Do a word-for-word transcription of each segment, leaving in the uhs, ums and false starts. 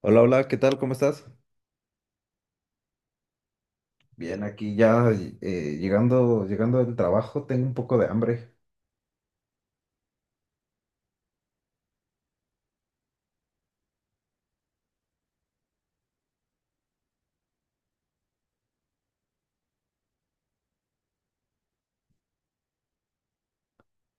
Hola, hola, ¿qué tal? ¿Cómo estás? Bien, aquí ya eh, llegando, llegando del trabajo, tengo un poco de hambre.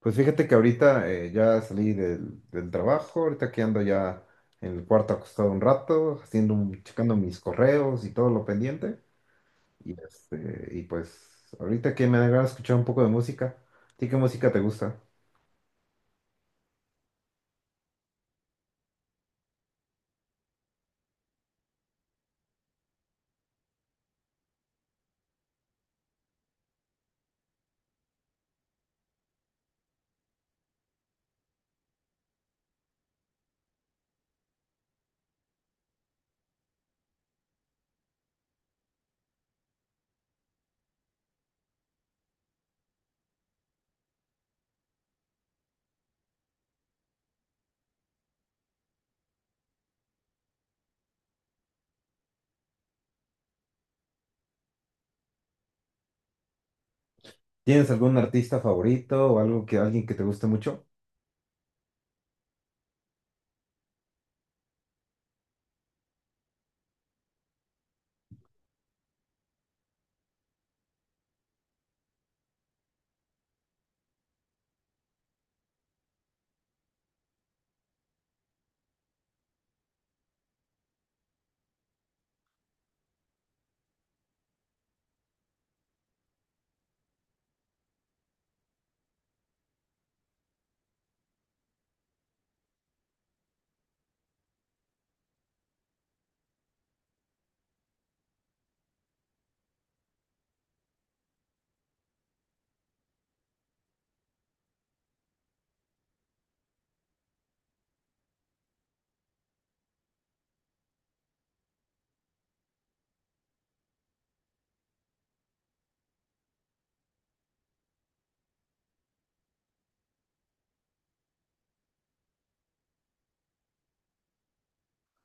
Pues fíjate que ahorita eh, ya salí del, del trabajo, ahorita que ando ya en el cuarto acostado un rato, haciendo un- checando mis correos y todo lo pendiente. Y, este, y pues ahorita que me agrada escuchar un poco de música. ¿A ti qué música te gusta? ¿Tienes algún artista favorito o algo que alguien que te guste mucho?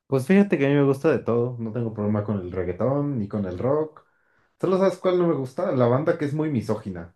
Pues fíjate que a mí me gusta de todo, no tengo problema con el reggaetón ni con el rock. Solo sabes cuál no me gusta, la banda que es muy misógina.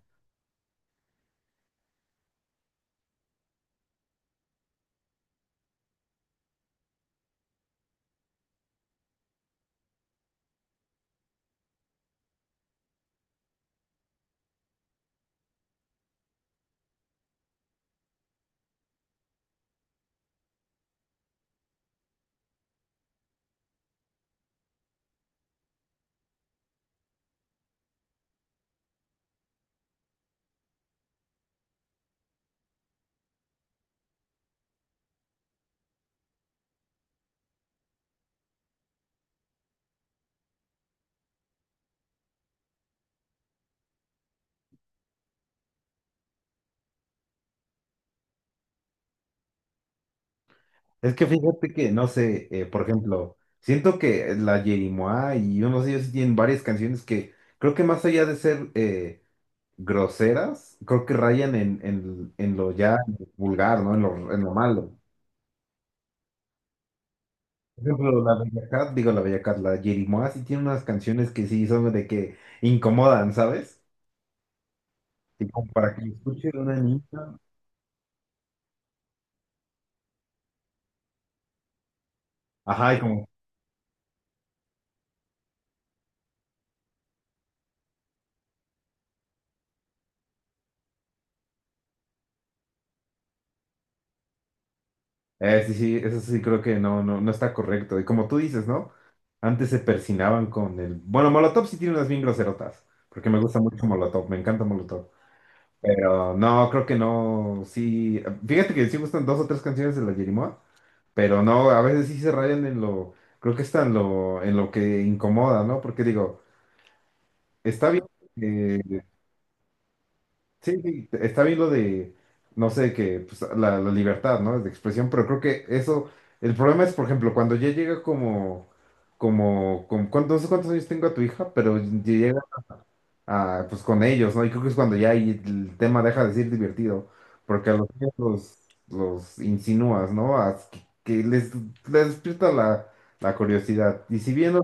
Es que fíjate que, no sé, eh, por ejemplo, siento que la Yerimoa y unos de ellos tienen varias canciones que creo que más allá de ser eh, groseras, creo que rayan en, en, en lo ya vulgar, ¿no? En lo, en lo malo. Por ejemplo, la Bella Cat, digo la Bella Cat, la Yerimoa sí tiene unas canciones que sí son de que incomodan, ¿sabes? Y como para que lo escuche una niña. Ajá, y como, eh, sí, sí, eso sí creo que no, no, no está correcto. Y como tú dices, ¿no? Antes se persinaban con el... Bueno, Molotov sí tiene unas bien groserotas, porque me gusta mucho Molotov, me encanta Molotov. Pero no, creo que no, sí... Fíjate que sí gustan dos o tres canciones de la Yerimoa, pero no, a veces sí se rayan en lo... Creo que está en lo, en lo que incomoda, ¿no? Porque digo, está bien. Sí, sí, está bien lo de, no sé, que pues, la, la libertad, ¿no? De expresión, pero creo que eso, el problema es, por ejemplo, cuando ya llega como, como, como cuánto- no sé cuántos años tengo a tu hija, pero llega a, pues con ellos, ¿no? Y creo que es cuando ya ahí el tema deja de ser divertido, porque a los niños los, los insinúas, ¿no? A que, que les, les despierta la, la curiosidad. Y si bien no,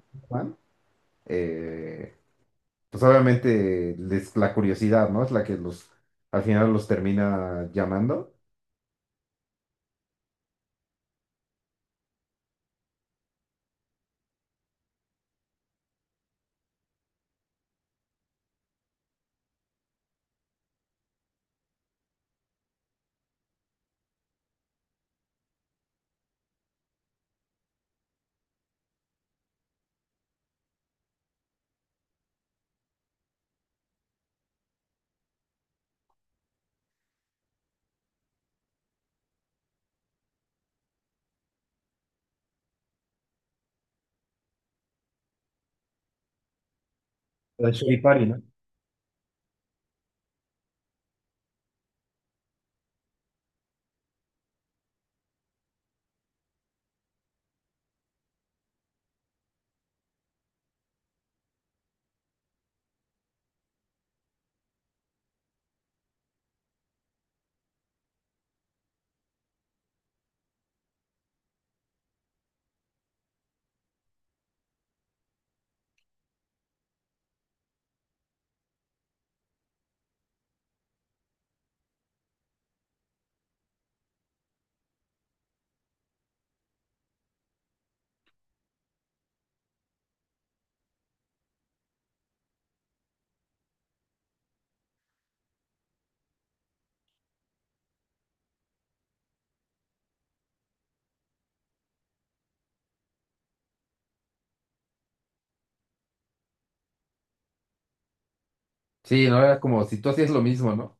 pues obviamente les, la curiosidad, ¿no? Es la que los, al final los termina llamando. El Choripari, ¿no? Sí, no era como si tú hacías lo mismo, ¿no?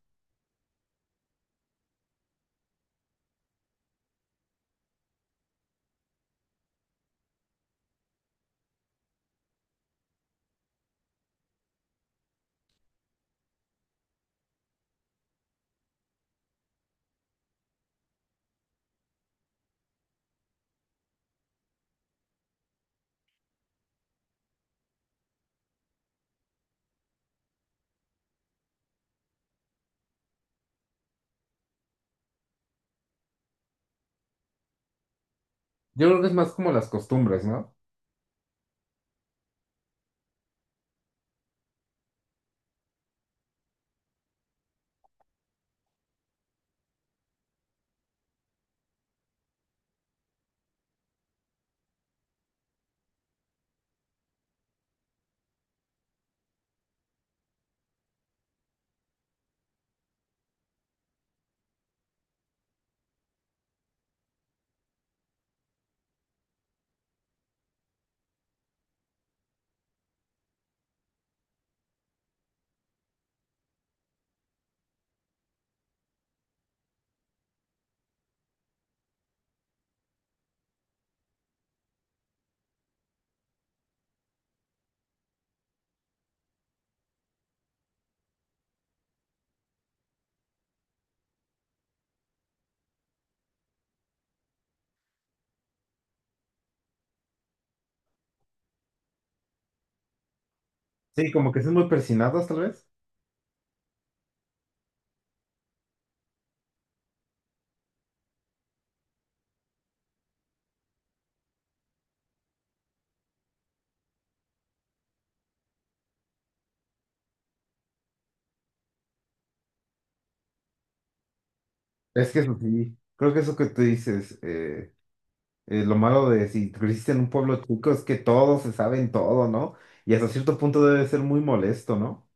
Yo creo que es más como las costumbres, ¿no? Sí, como que son muy persinados, tal vez. Es que eso sí, creo que eso que tú dices, eh, eh, lo malo de si creciste en un pueblo chico es que todos se saben todo, ¿no? Y hasta cierto punto debe ser muy molesto, ¿no?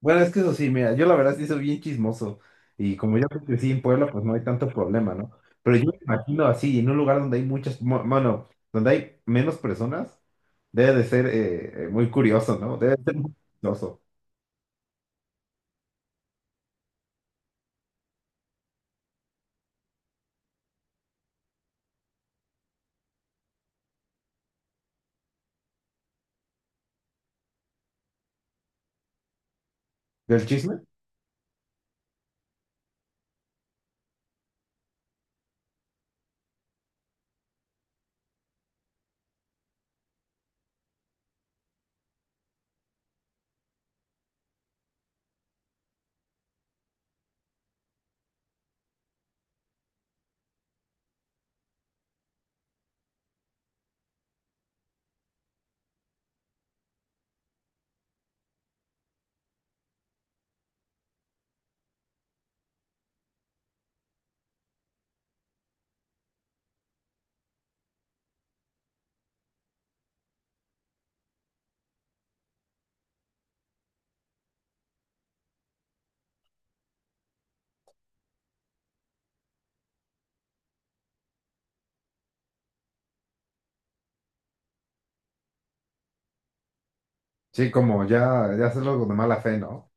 Bueno, es que eso sí, mira, yo la verdad sí soy bien chismoso y como yo crecí en Puebla, pues no hay tanto problema, ¿no? Pero yo me imagino así, en un lugar donde hay muchas, mo- bueno, donde hay menos personas, debe de ser eh, eh, muy curioso, ¿no? Debe de ser muy curioso. ¿Del chisme? Sí, como ya, ya hacerlo de mala fe, ¿no?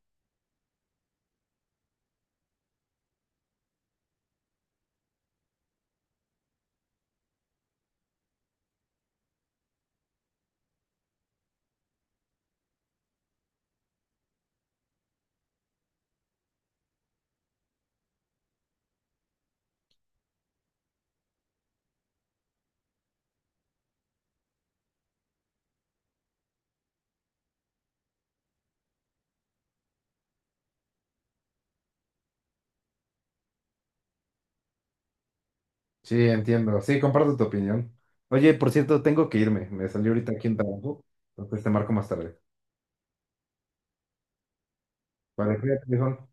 Sí, entiendo. Sí, comparto tu opinión. Oye, por cierto, tengo que irme. Me salió ahorita aquí en trabajo. Entonces te marco más tarde. Vale, cuídate, viejo.